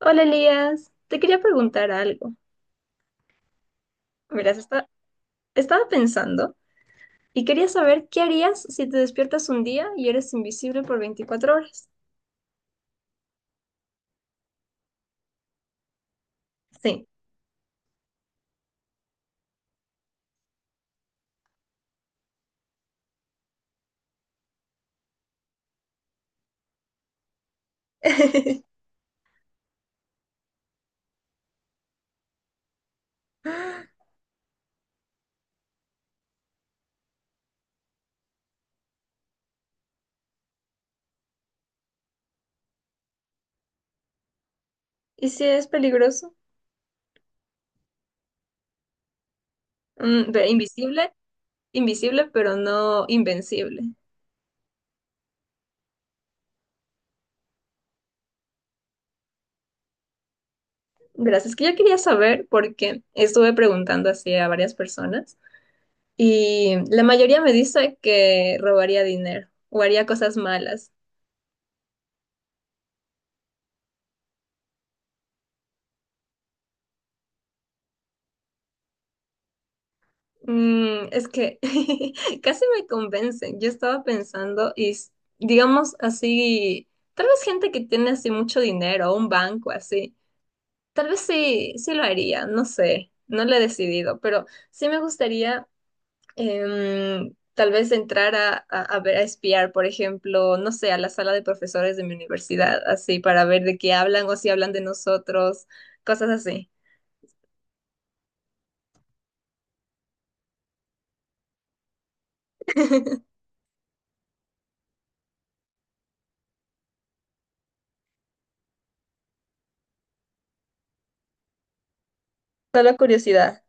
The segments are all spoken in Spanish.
Hola Elías, te quería preguntar algo. Verás, estaba pensando y quería saber qué harías si te despiertas un día y eres invisible por 24 horas. Sí. ¿Y si es peligroso? Ve, invisible, pero no invencible. Verás, es que yo quería saber porque estuve preguntando así a varias personas y la mayoría me dice que robaría dinero o haría cosas malas. Mm, es que casi me convencen. Yo estaba pensando, digamos así, tal vez gente que tiene así mucho dinero, un banco así, tal vez sí lo haría, no sé, no lo he decidido, pero sí me gustaría tal vez entrar a ver, a espiar, por ejemplo, no sé, a la sala de profesores de mi universidad, así, para ver de qué hablan o si hablan de nosotros, cosas así. Solo curiosidad.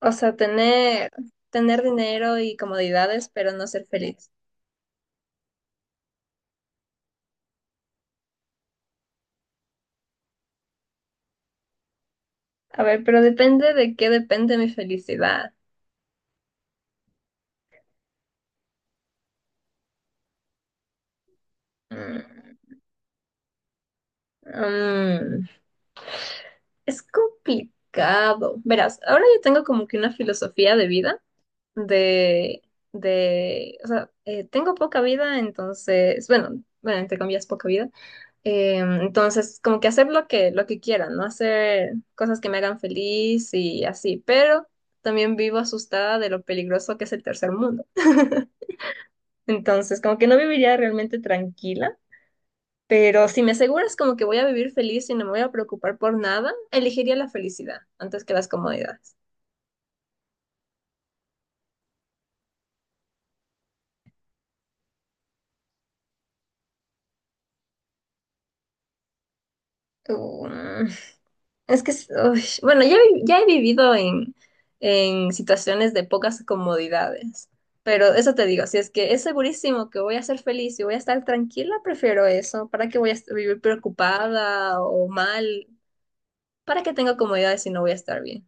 O sea, tener dinero y comodidades, pero no ser feliz. A ver, pero depende de qué depende mi felicidad. Mm, mm, es complicado. Verás, ahora yo tengo como que una filosofía de vida de, de, o sea, tengo poca vida, entonces, bueno, entre comillas, poca vida. Entonces, como que hacer lo que quiera, ¿no? Hacer cosas que me hagan feliz y así, pero también vivo asustada de lo peligroso que es el tercer mundo. Entonces, como que no viviría realmente tranquila, pero si me aseguras como que voy a vivir feliz y no me voy a preocupar por nada, elegiría la felicidad antes que las comodidades. Um, Es que, uy, bueno, ya, ya he vivido en situaciones de pocas comodidades, pero eso te digo, si es que es segurísimo que voy a ser feliz y voy a estar tranquila, prefiero eso. ¿Para qué voy a vivir preocupada o mal? ¿Para qué tengo comodidades si no voy a estar bien?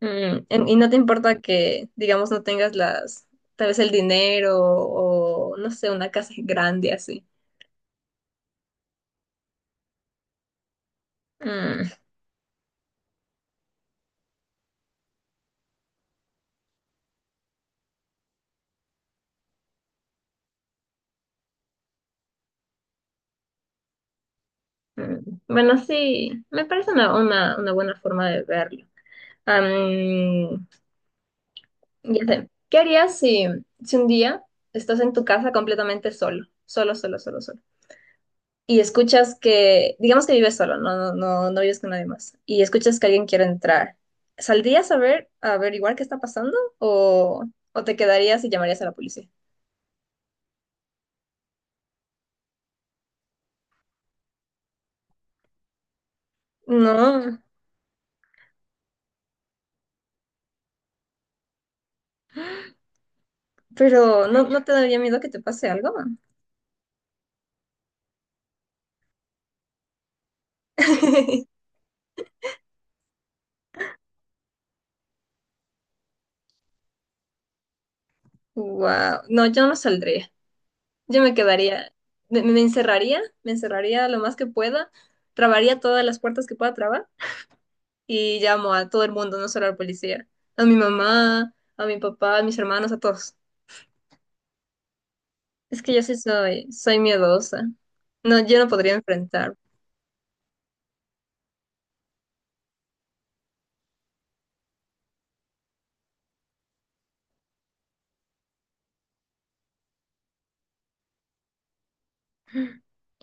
Y no te importa que, digamos, no tengas tal vez el dinero o, no sé, una casa grande así. Mm. Mm, bueno, sí, me parece una buena forma de verlo. Am, ya sé. ¿Qué harías si un día estás en tu casa completamente solo? Solo, solo, solo, solo. Y escuchas que, digamos que vives solo, no vives con nadie más. Y escuchas que alguien quiere entrar. ¿Saldrías a ver, a averiguar qué está pasando? O te quedarías y llamarías a la policía? No, pero no te daría miedo que te pase algo? Wow, no, yo no saldría. Yo me quedaría, me encerraría lo más que pueda, trabaría todas las puertas que pueda trabar y llamo a todo el mundo, no solo al policía, a mi mamá, a mi papá, a mis hermanos, a todos. Es que yo sí soy miedosa. No, yo no podría enfrentar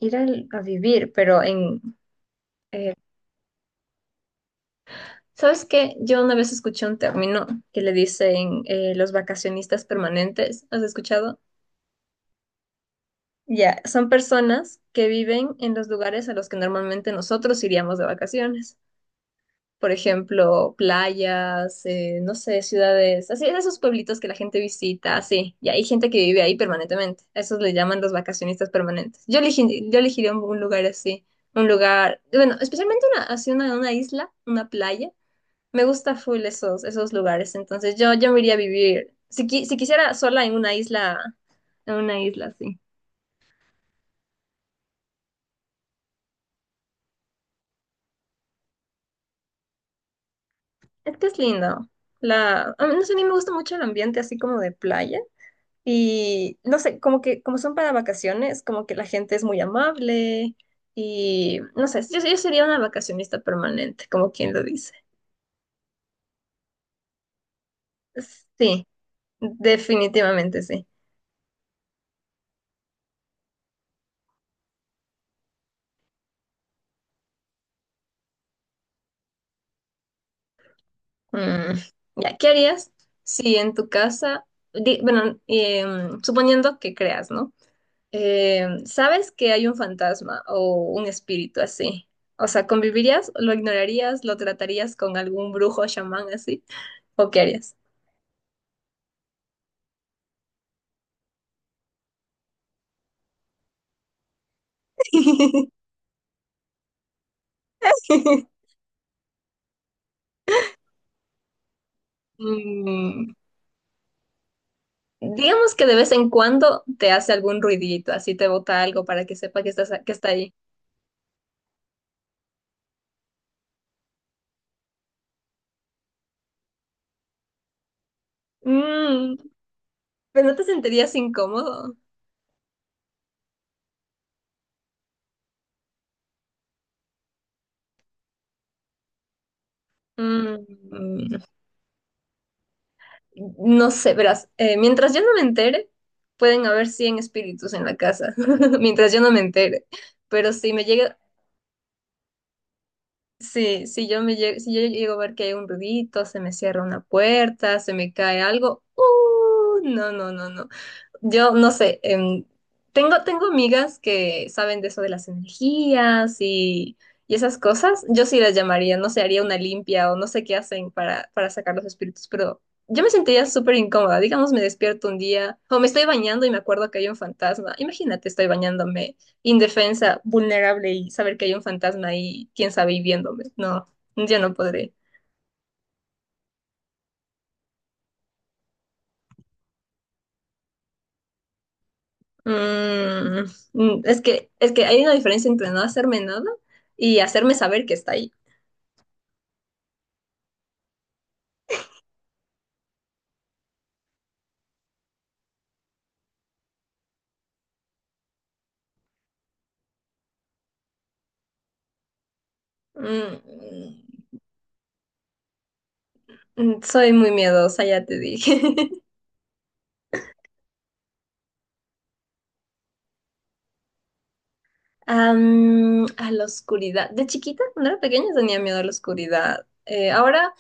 vivir, pero en... eh, ¿sabes qué? Yo una vez escuché un término que le dicen los vacacionistas permanentes. ¿Has escuchado? Ya, son personas que viven en los lugares a los que normalmente nosotros iríamos de vacaciones. Por ejemplo, playas, no sé, ciudades, así, esos pueblitos que la gente visita, así. Y hay gente que vive ahí permanentemente. A esos le llaman los vacacionistas permanentes. Yo elegiría un lugar así, un lugar, bueno, especialmente una isla, una playa. Me gusta full esos lugares. Entonces yo me iría a vivir, si, si quisiera sola en una isla, así. Es que es lindo. La, a mí, no sé, a mí me gusta mucho el ambiente así como de playa. Y no sé, como que como son para vacaciones, como que la gente es muy amable. Y no sé, yo sería una vacacionista permanente, como quien lo dice. Sí, definitivamente sí. Mm, ya, ¿qué harías si en tu casa, bueno, suponiendo que creas, ¿no? Sabes que hay un fantasma o un espíritu así. O sea, ¿convivirías, lo ignorarías, lo tratarías con algún brujo o chamán así? ¿O qué harías? Mm, digamos que de vez en cuando te hace algún ruidito, así te bota algo para que sepa que que está ahí. Mm, pero no te sentirías incómodo. Mm, No sé, verás, mientras yo no me entere, pueden haber 100 espíritus en la casa, mientras yo no me entere. Pero si me llega, sí, si yo si yo llego a ver que hay un ruidito, se me cierra una puerta, se me cae algo, ¡uh! No, no, no, no. Yo no sé, tengo, tengo amigas que saben de eso de las energías y esas cosas. Yo sí las llamaría, no sé, haría una limpia o no sé qué hacen para sacar los espíritus, pero yo me sentiría súper incómoda. Digamos, me despierto un día o me estoy bañando y me acuerdo que hay un fantasma. Imagínate, estoy bañándome indefensa, vulnerable y saber que hay un fantasma ahí, quién sabe, y viéndome. No, yo no podré. Mm, es que hay una diferencia entre no hacerme nada y hacerme saber que está ahí. Mm, mm, soy muy miedosa, ya te dije. A la oscuridad. De chiquita, cuando era pequeña, tenía miedo a la oscuridad. Ahora,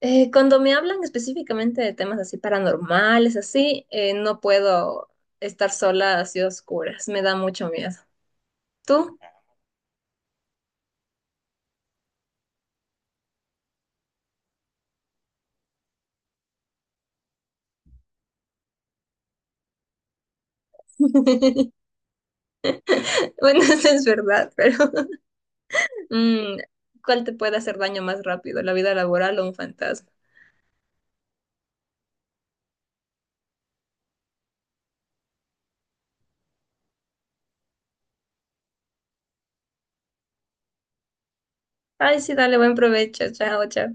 cuando me hablan específicamente de temas así paranormales, así, no puedo estar sola así a oscuras. Me da mucho miedo. ¿Tú? Bueno, eso es verdad, pero mm, ¿cuál te puede hacer daño más rápido, la vida laboral o un fantasma? Ay, sí, dale, buen provecho. Chao, chao.